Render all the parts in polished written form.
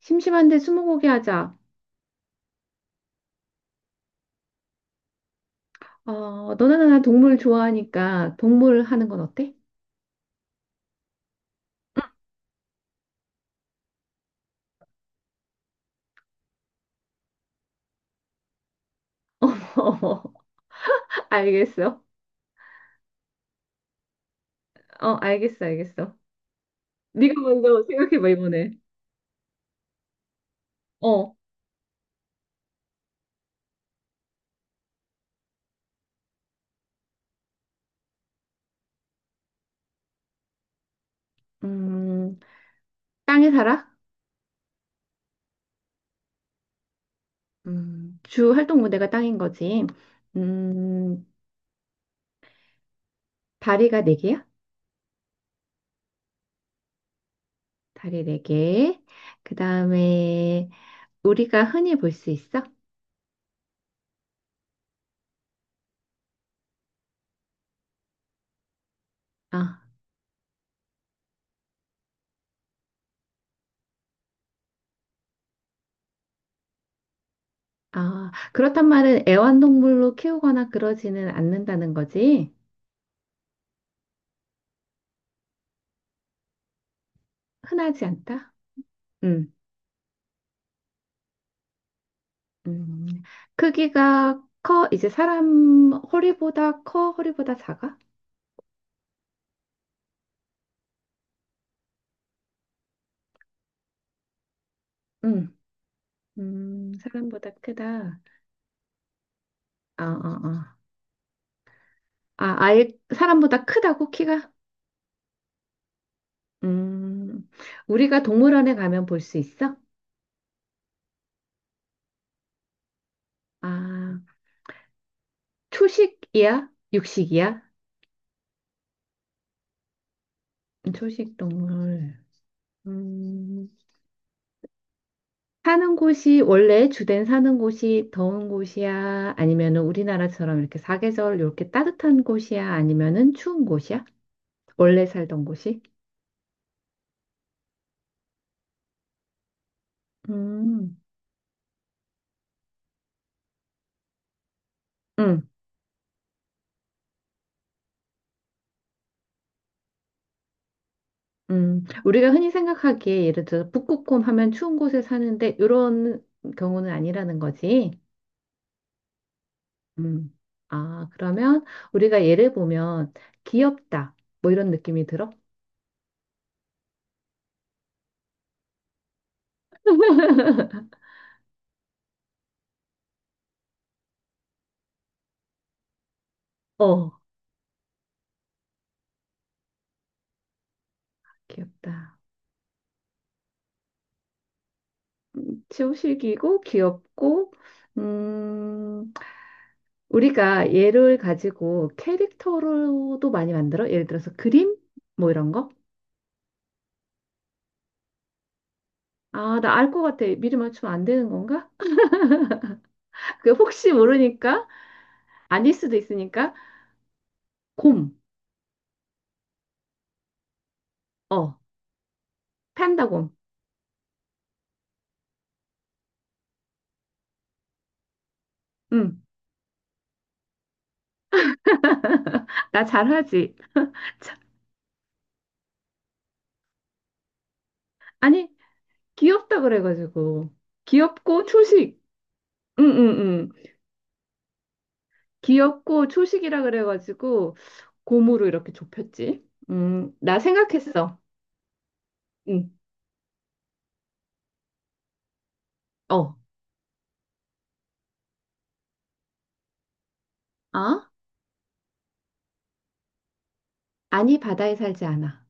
심심한데 스무고개 하자. 어, 너나 나나 동물 좋아하니까 동물 하는 건 어때? 어, 알겠어. 어, 알겠어, 알겠어. 네가 먼저 생각해봐, 이번에. 어, 음, 땅에 살아? 주 활동 무대가 땅인 거지. 음, 다리가 네 개야? 다리 네 개. 그 다음에 우리가 흔히 볼 수 있어? 아, 그렇단 말은 애완동물로 키우거나 그러지는 않는다는 거지. 흔하지 않다? 음. 음, 크기가 커? 이제 사람 허리보다 커? 허리보다 작아? 응, 사람보다 크다. 아, 아, 아. 아, 아예 사람보다 크다고 키가? 음, 우리가 동물원에 가면 볼 수 있어? 아, 초식이야? 육식이야? 초식 동물. 음, 사는 곳이 원래 주된 사는 곳이 더운 곳이야? 아니면은 우리나라처럼 이렇게 사계절 이렇게 따뜻한 곳이야? 아니면은 추운 곳이야? 원래 살던 곳이? 음, 음, 우리가 흔히 생각하기에 예를 들어 북극곰 하면 추운 곳에 사는데 이런 경우는 아니라는 거지. 음. 아, 그러면 우리가 예를 보면 귀엽다. 뭐 이런 느낌이 들어? 어, 귀엽다. 치우식이고 귀엽고 음, 우리가 얘를 가지고 캐릭터로도 많이 만들어? 예를 들어서 그림? 뭐 이런 거? 아, 나 알 것 같아. 미리 맞추면 안 되는 건가? 그 혹시 모르니까 아닐 수도 있으니까 곰. 어. 판다 곰. 응. 나 잘하지. 참, 아니 귀엽다 그래가지고 귀엽고 초식. 응응응. 귀엽고 초식이라 그래가지고 곰으로 이렇게 좁혔지. 나 생각했어. 응. 어. 아? 아니 바다에 살지 않아.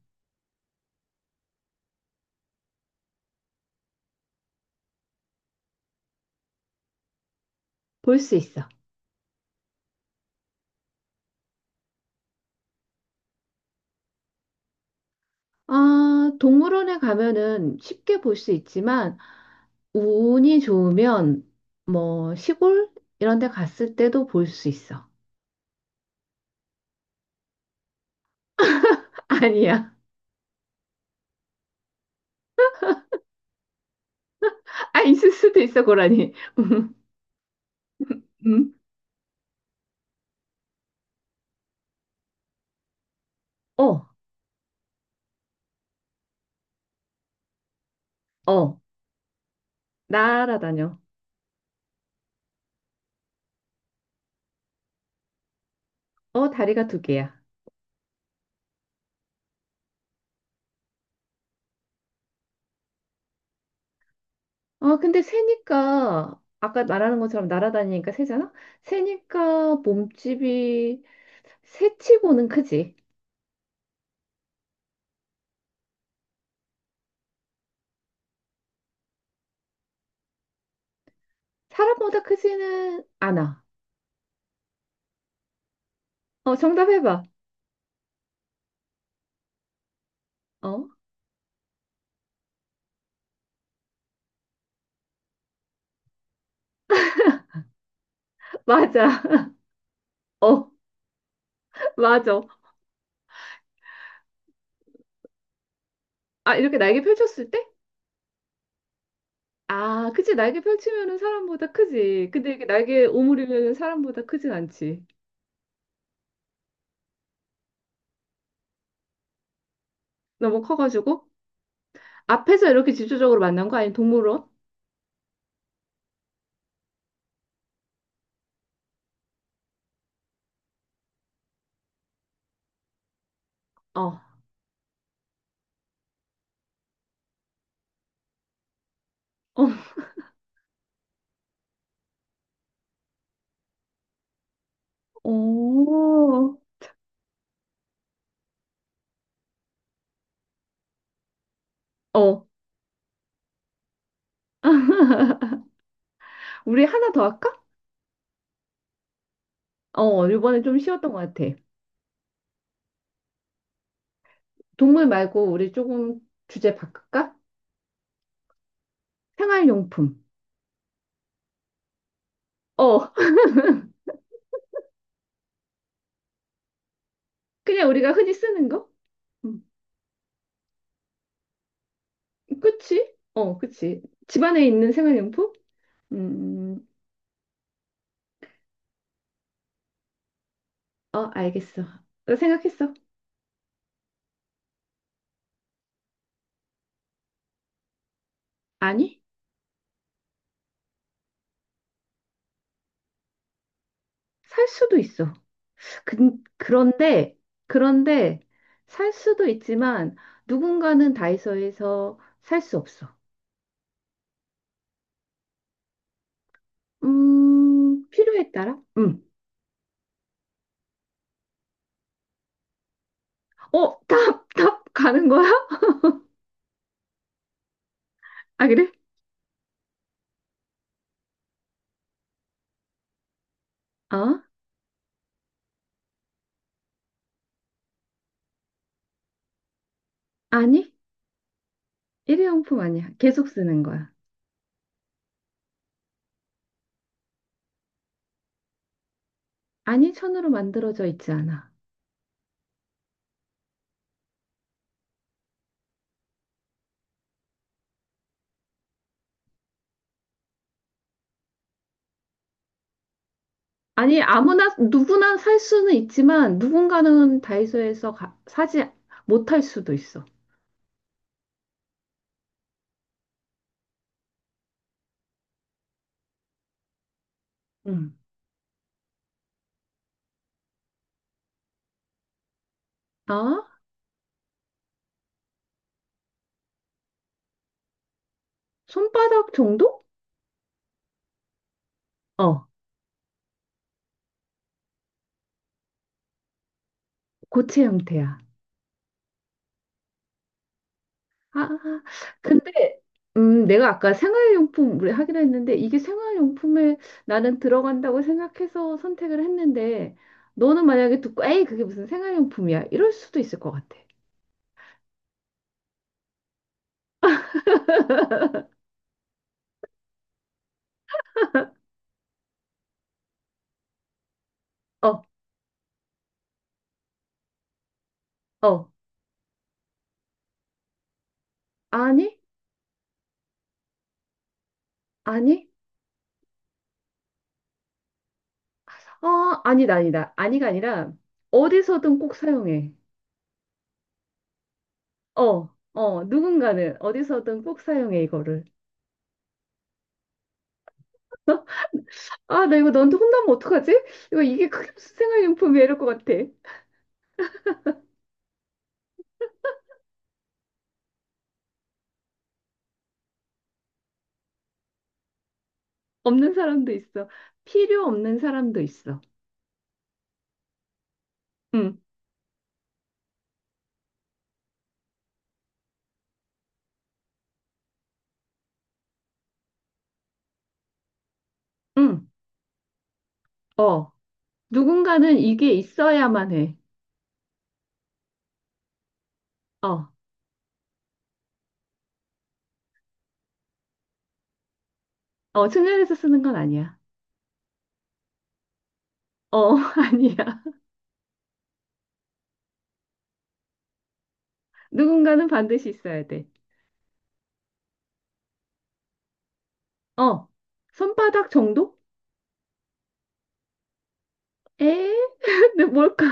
볼 수 있어. 아, 동물원에 가면은 쉽게 볼 수 있지만 운이 좋으면 뭐 시골 이런 데 갔을 때도 볼 수 있어. 아니야. 아, 있을 수도 있어, 고라니. 음. 음. 어, 어. 날아다녀. 어, 다리가 두 개야. 어, 근데 새니까 아까 말하는 것처럼 날아다니니까 새잖아? 새니까 몸집이 새치고는 크지. 사람보다 크지는 않아. 어, 정답 해봐. 어, 맞아. 어, 맞아. 아, 이렇게 날개 펼쳤을 때? 아, 그치. 날개 펼치면은 사람보다 크지. 근데 이게 날개 오므리면은 사람보다 크진 않지. 너무 커가지고. 앞에서 이렇게 집초적으로 만난 거 아니면 동물원? 어, 어, 오, 어. 우리 하나 더 할까? 어, 이번에 좀 쉬웠던 것 같아. 동물 말고 우리 조금 주제 바꿀까? 생활용품. 어, 그냥 우리가 흔히 쓰는 거? 음, 그치? 어, 그치. 집안에 있는 생활용품? 음, 어, 알겠어. 나 생각했어. 아니? 살 수도 있어. 그, 그런데, 그런데 살 수도 있지만 누군가는 다이소에서 살 수 없어. 필요에 따라? 음. 어, 답, 답 가는 거야? 아, 그래? 어? 아니, 일회용품 아니야. 계속 쓰는 거야. 아니, 천으로 만들어져 있지 않아. 아니, 아무나, 누구나 살 수는 있지만 누군가는 다이소에서 사지 못할 수도 있어. 음. 아? 손바닥 정도? 어. 고체 형태야. 아, 근데 내가 아까 생활용품 우리 하기로 했는데 이게 생활용품에 나는 들어간다고 생각해서 선택을 했는데 너는 만약에 듣고 에이 그게 무슨 생활용품이야 이럴 수도 있을 것 같아. 어, 어, 아니, 아니, 아, 아니다, 아니다, 아니가 아니라 어디서든 꼭 사용해. 누군가는 어디서든 꼭 사용해 이거를. 아, 나 이거 너한테 혼나면 어떡하지? 이거 이게 그게 무슨 생활용품이야 이럴 것 같아. 없는 사람도 있어. 필요 없는 사람도 있어. 응, 응, 어. 누군가는 이게 있어야만 해. 어, 충전해서 쓰는 건 아니야. 어, 아니야. 누군가는 반드시 있어야 돼. 어, 손바닥 정도? 에? 근데 뭘까?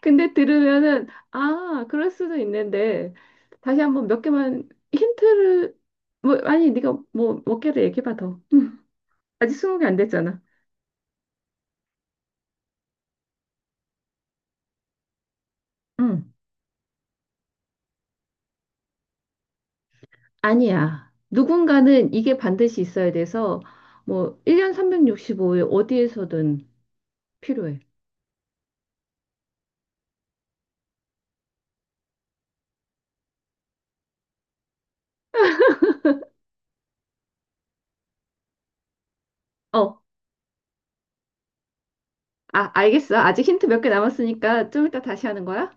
근데 들으면은, 아, 그럴 수도 있는데, 다시 한번 몇 개만 힌트를, 뭐, 아니, 네가 뭐, 몇 개를 얘기해봐, 더. 응. 아직 스무 개 안 됐잖아. 응. 아니야. 누군가는 이게 반드시 있어야 돼서 뭐 1년 365일 어디에서든 필요해. 어, 아, 알겠어. 아직 힌트 몇 개 남았으니까 좀 이따 다시 하는 거야?